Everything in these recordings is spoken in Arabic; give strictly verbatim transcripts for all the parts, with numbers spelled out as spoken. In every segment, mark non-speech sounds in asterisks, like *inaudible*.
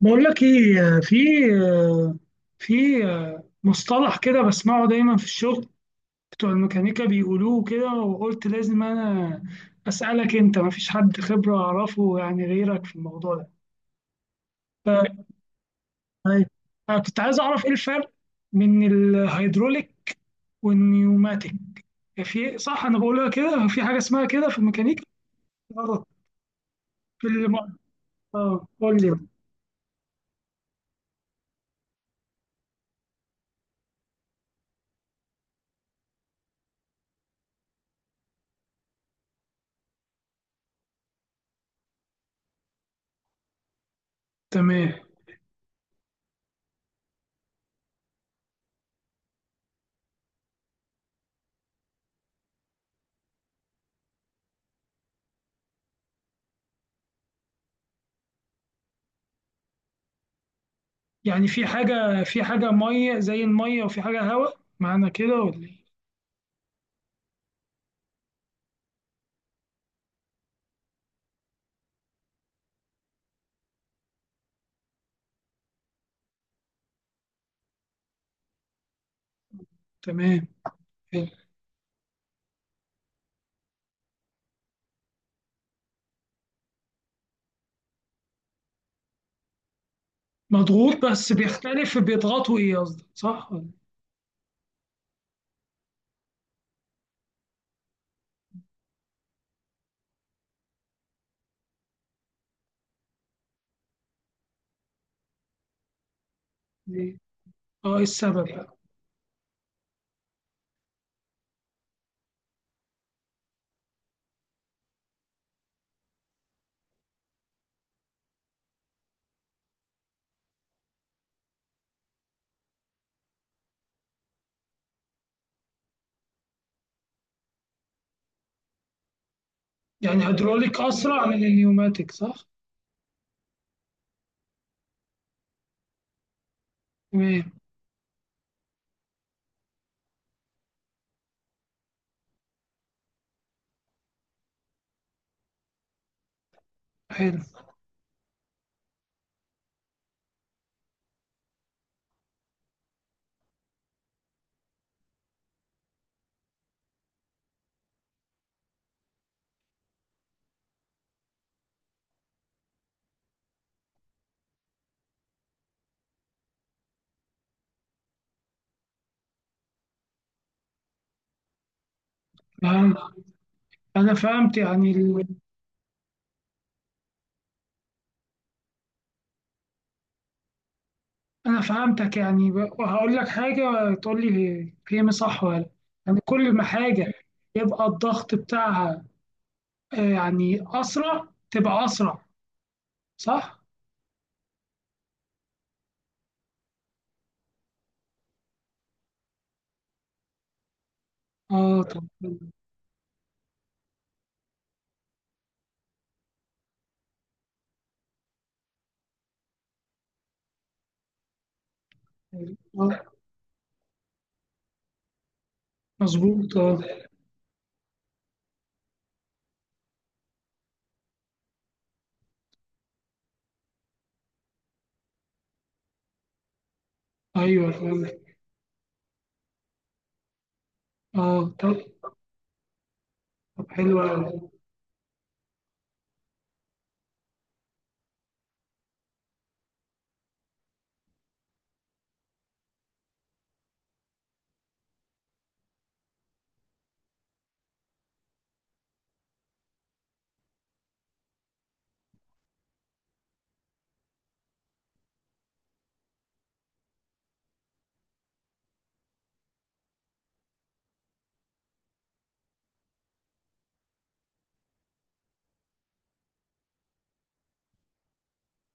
بقول لك ايه في في مصطلح كده بسمعه دايما في الشغل، بتوع الميكانيكا بيقولوه كده، وقلت لازم انا اسالك انت، ما فيش حد خبره اعرفه يعني غيرك في الموضوع ده. ف- أيوة. أنا كنت عايز اعرف ايه الفرق بين الهيدروليك والنيوماتيك. في صح انا بقولها كده، في حاجه اسمها كده في الميكانيكا؟ غلط في الم... اه قول لي. تمام. يعني في حاجة في حاجة مية زي المية، وفي حاجة هواء، معنى كده ولا إيه؟ تمام. حلو. مضغوط بس بيختلف، بيضغطوا إيه قصدك، صح ولا إيه؟ أه، إيه السبب بقى؟ يعني هيدروليك أسرع من النيوماتيك صح؟ تمام. حلو. فهم- أنا فهمت يعني ال... أنا فهمتك. يعني ب- وهقول لك حاجة تقول لي فهم صح ولا لأ. يعني كل ما حاجة يبقى الضغط بتاعها آه، يعني أسرع، تبقى أسرع صح؟ أه طب. اه مظبوط اه. ايوه فهمت. اه طب. طب حلو أوي.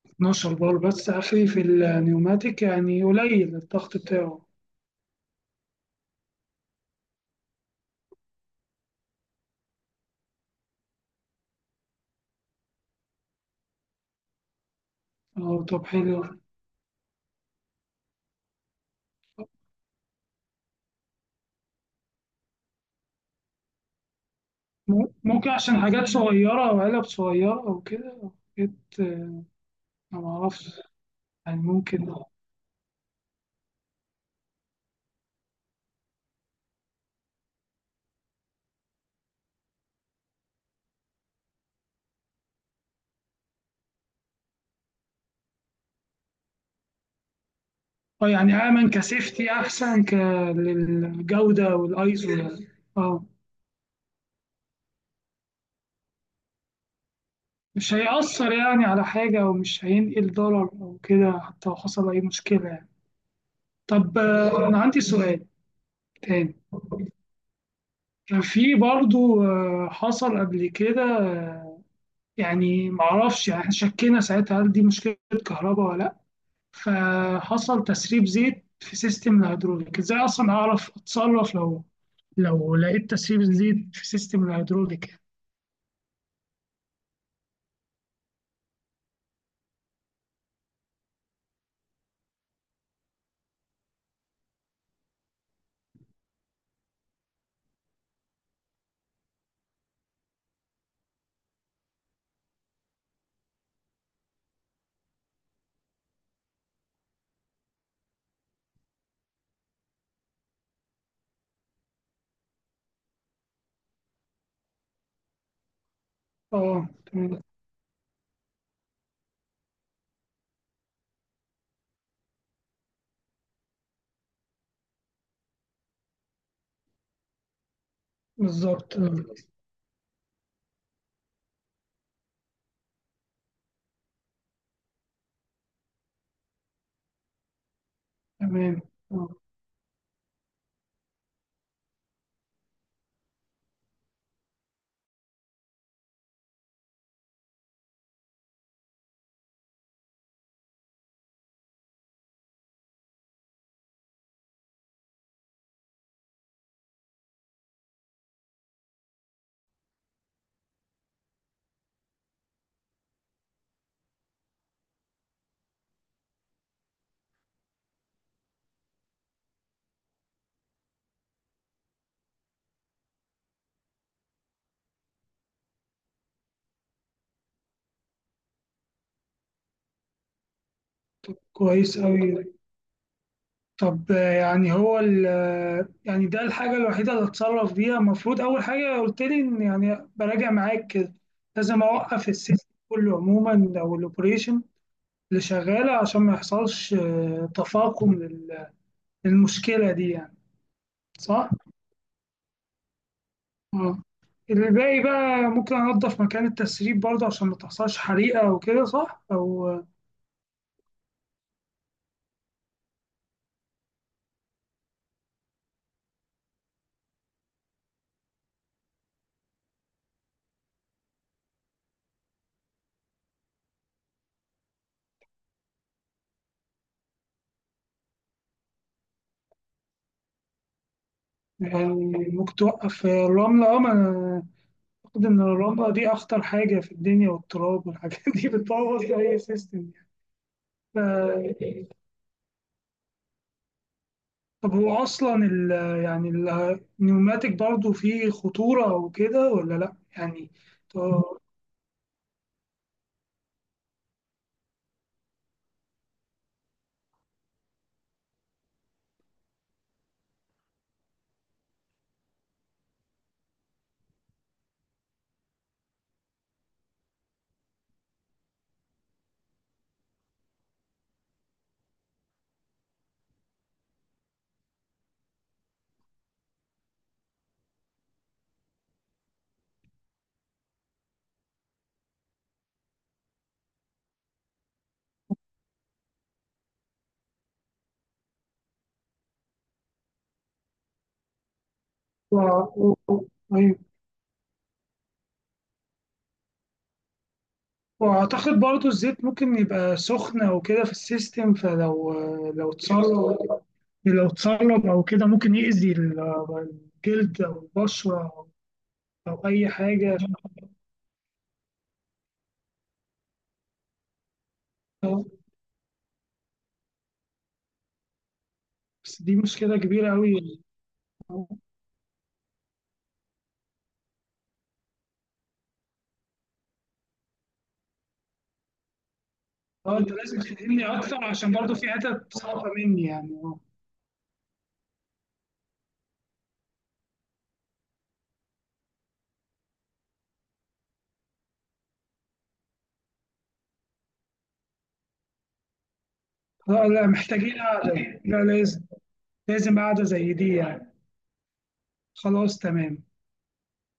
اتناشر بار بس اخري في النيوماتيك، يعني قليل الضغط بتاعه. اه طب حلو. م- ممكن عشان حاجات صغيرة او علب صغيرة او كده أو حاجات آه، أنا ما اعرفش. يعني ممكن. اه يعني امن كسيفتي احسن ك للجودة والايزو يعني. اه، مش هيأثر يعني على حاجة، أو مش هينقل ضرر أو كده، حتى لو حصل أي مشكلة يعني. طب آه، أنا عندي سؤال تاني. في برضو آه، حصل قبل كده آه، يعني معرفش، يعني إحنا شكينا ساعتها هل دي مشكلة كهرباء ولا لأ، فحصل تسريب زيت في سيستم الهيدروليك. ازاي أصلا أعرف أتصرف لو لو لقيت تسريب زيت في سيستم الهيدروليك؟ اه تمام. بالظبط آه، تمام آه، كويس أوي. طب آه، يعني هو ال آه، يعني ده الحاجة الوحيدة اللي اتصرف بيها المفروض، أول حاجة قلت لي إن يعني براجع معاك كده، لازم أوقف السيستم كله عموما أو الأوبريشن اللي شغالة، عشان ما يحصلش آه، تفاقم لل- للمشكلة دي يعني، صح؟ آه. الباقي بقى ممكن أنظف مكان التسريب برضه عشان ما تحصلش حريقة وكده، صح؟ أو آه، يعني ممكن توقف الرملة، أه المفروض إن الرملة دي أخطر حاجة في الدنيا، والتراب والحاجات دي *laughs* بتبوظ أي سيستم يعني. ف- طب هو أصلا ال يعني ال- النيوماتيك برضو فيه خطورة وكده ولا لأ؟ يعني ط- و- و- أيوة. وأعتقد برضو الزيت ممكن يبقى سخنة وكده في السيستم، فلو لو اتسرب لو اتسرب أو كده ممكن يأذي ال- الجلد أو البشرة أو أي حاجة. بس دي مشكلة كبيرة أوي. اه انت لازم تفهم لي اكتر عشان برضو في حتت صعبة مني يعني. اه لا لا، محتاجين قعدة. لا لازم. لازم قعدة زي دي يعني. خلاص تمام.